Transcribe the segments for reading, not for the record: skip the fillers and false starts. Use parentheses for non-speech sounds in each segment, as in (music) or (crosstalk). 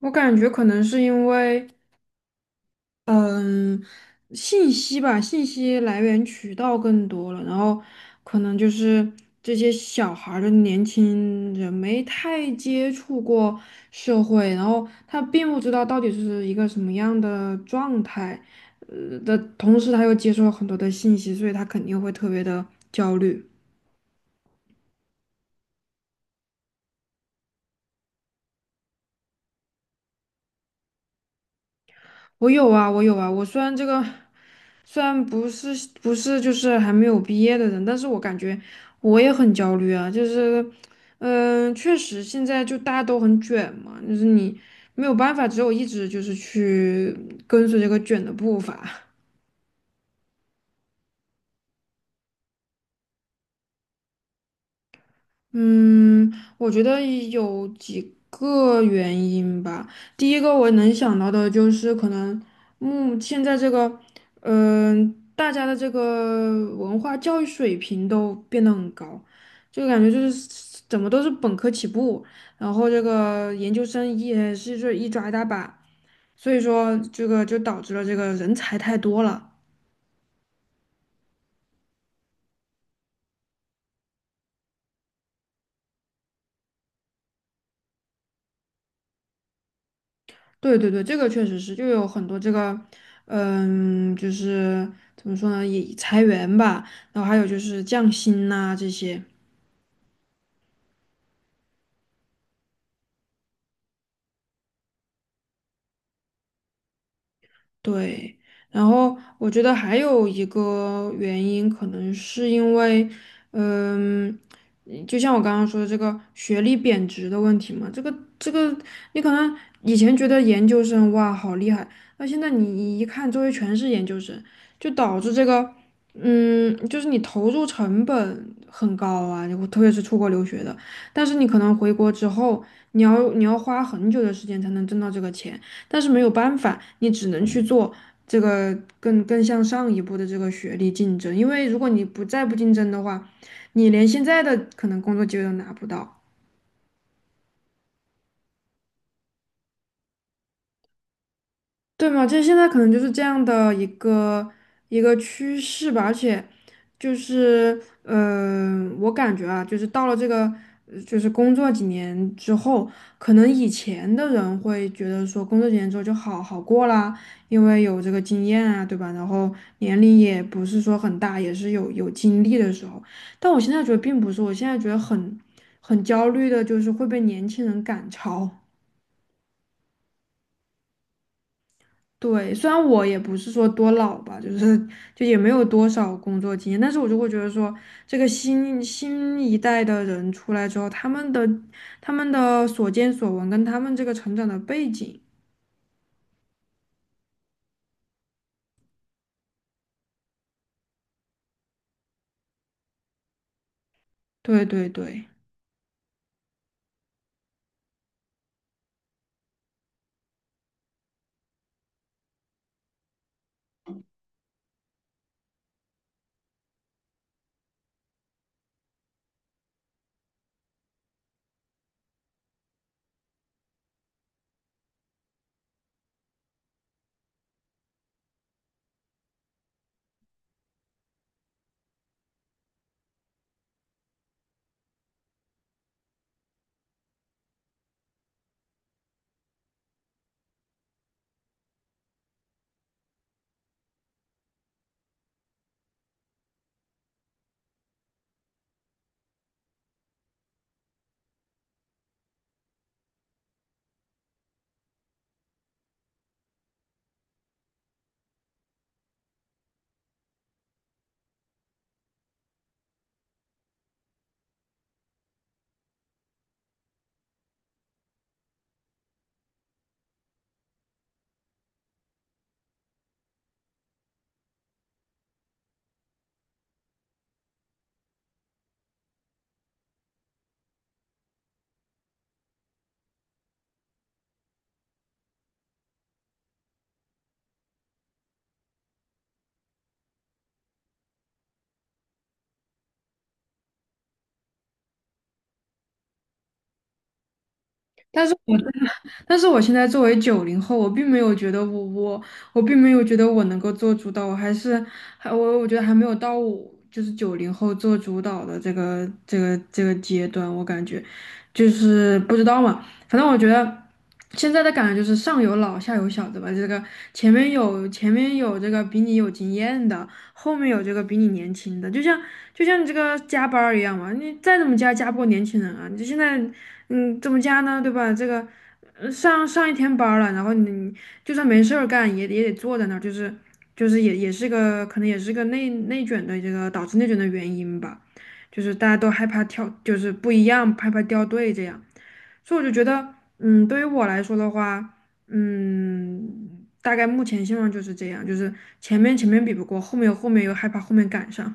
我感觉可能是因为，嗯，信息吧，信息来源渠道更多了，然后可能就是这些小孩儿的年轻人没太接触过社会，然后他并不知道到底是一个什么样的状态，的同时他又接受了很多的信息，所以他肯定会特别的焦虑。我有啊，我有啊。我虽然虽然不是不是就是还没有毕业的人，但是我感觉我也很焦虑啊。就是，确实现在就大家都很卷嘛，就是你没有办法，只有一直就是去跟随这个卷的步伐。嗯，我觉得有几个原因吧。第一个我能想到的就是可能，现在这个，大家的这个文化教育水平都变得很高，就感觉就是怎么都是本科起步，然后这个研究生也是这一抓一大把，所以说这个就导致了这个人才太多了。对对对，这个确实是，就有很多这个，就是怎么说呢，也裁员吧，然后还有就是降薪呐、这些。对，然后我觉得还有一个原因，可能是因为，嗯，就像我刚刚说的这个学历贬值的问题嘛，这个，你可能以前觉得研究生哇好厉害，那现在你一看周围全是研究生，就导致这个，就是你投入成本很高啊，你特别是出国留学的，但是你可能回国之后，你要花很久的时间才能挣到这个钱。但是没有办法，你只能去做这个更向上一步的这个学历竞争，因为如果你不再不竞争的话，你连现在的可能工作机会都拿不到。对嘛，就现在可能就是这样的一个趋势吧，而且就是我感觉啊，就是到了这个就是工作几年之后，可能以前的人会觉得说工作几年之后就好好过啦，因为有这个经验啊，对吧？然后年龄也不是说很大，也是有经历的时候。但我现在觉得并不是，我现在觉得很焦虑的，就是会被年轻人赶超。对，虽然我也不是说多老吧，就是也没有多少工作经验，但是我就会觉得说，这个新一代的人出来之后，他们的所见所闻跟他们这个成长的背景，对对对。但是我但是我现在作为九零后，我并没有觉得我能够做主导，我觉得还没有到我就是九零后做主导的这个阶段，我感觉就是不知道嘛，反正我觉得。现在的感觉就是上有老下有小，的吧？这个前面有这个比你有经验的，后面有这个比你年轻的，就像你这个加班儿一样嘛，你再怎么加不过年轻人啊！你这现在怎么加呢？对吧？这个上一天班儿了，然后你就算没事儿干，也得坐在那儿，就是也是个可能也是个内卷的这个导致内卷的原因吧，就是大家都害怕跳，就是不一样，害怕掉队这样，所以我就觉得，对于我来说的话，大概目前现状就是这样，就是前面比不过，后面又害怕后面赶上。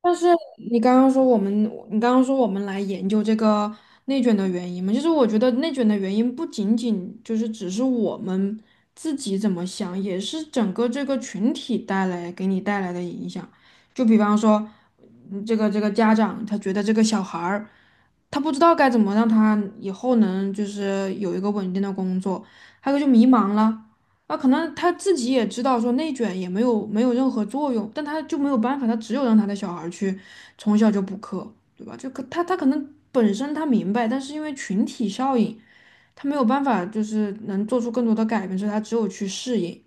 但是你刚刚说我们，你刚刚说我们来研究这个内卷的原因嘛，就是我觉得内卷的原因不仅仅就是只是我们自己怎么想，也是整个这个群体给你带来的影响。就比方说，这个家长他觉得这个小孩儿，他不知道该怎么让他以后能就是有一个稳定的工作，还有就迷茫了。啊，可能他自己也知道说内卷也没有任何作用，但他就没有办法，他只有让他的小孩儿去从小就补课，对吧？就可他可能本身他明白，但是因为群体效应，他没有办法就是能做出更多的改变，所以他只有去适应。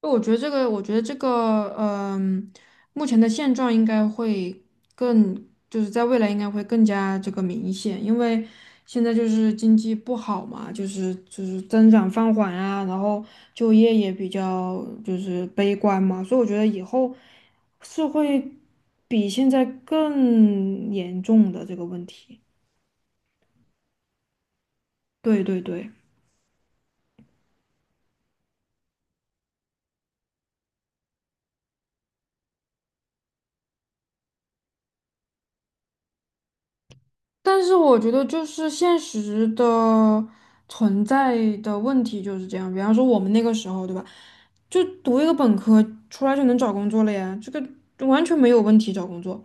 我觉得这个，目前的现状应该会更，就是在未来应该会更加这个明显，因为现在就是经济不好嘛，就是增长放缓啊，然后就业也比较就是悲观嘛，所以我觉得以后是会比现在更严重的这个问题。对对对。但是我觉得就是现实的存在的问题就是这样，比方说我们那个时候，对吧？就读一个本科出来就能找工作了呀，这个完全没有问题找工作。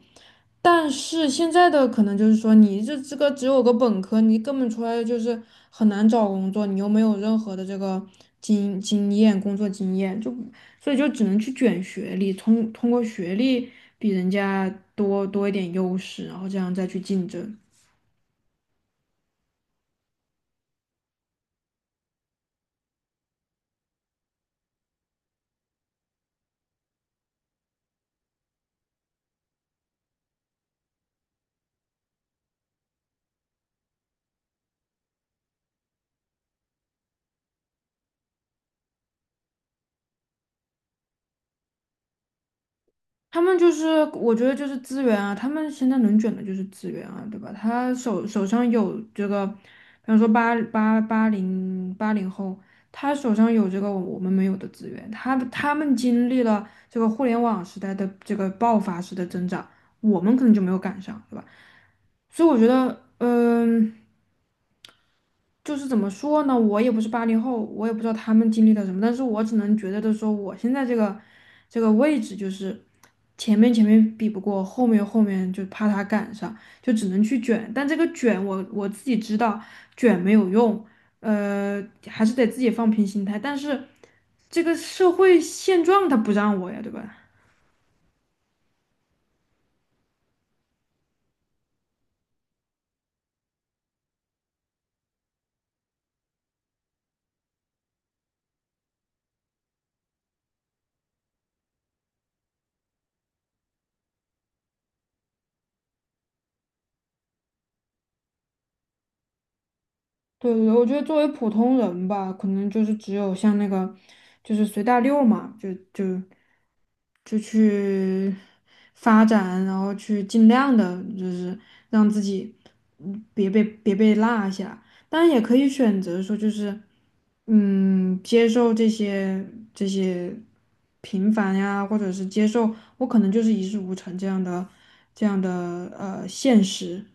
但是现在的可能就是说，你这个只有个本科，你根本出来就是很难找工作，你又没有任何的这个经验、工作经验，就所以就只能去卷学历，通过学历比人家多一点优势，然后这样再去竞争。他们就是，我觉得就是资源啊，他们现在能卷的就是资源啊，对吧？他手上有这个，比方说八零后，他手上有这个我们没有的资源，他们经历了这个互联网时代的这个爆发式的增长，我们可能就没有赶上，对吧？所以我觉得，就是怎么说呢？我也不是八零后，我也不知道他们经历了什么，但是我只能觉得的说，我现在这个位置，就是前面比不过，后面就怕他赶上，就只能去卷。但这个卷我自己知道卷没有用，呃，还是得自己放平心态。但是这个社会现状他不让我呀，对吧？对对对我觉得作为普通人吧，可能就是只有像那个，就是随大溜嘛，就去发展，然后去尽量的，就是让自己别被落下。当然也可以选择说，就是接受这些平凡呀，或者是接受我可能就是一事无成这样的现实。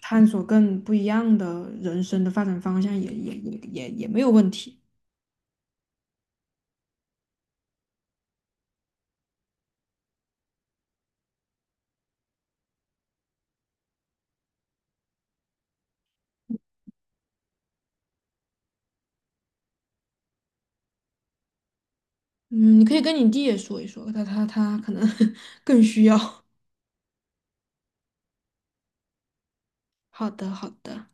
探索更不一样的人生的发展方向也没有问题。嗯，你可以跟你弟也说一说，他可能 (laughs) 更需要。好的，好的。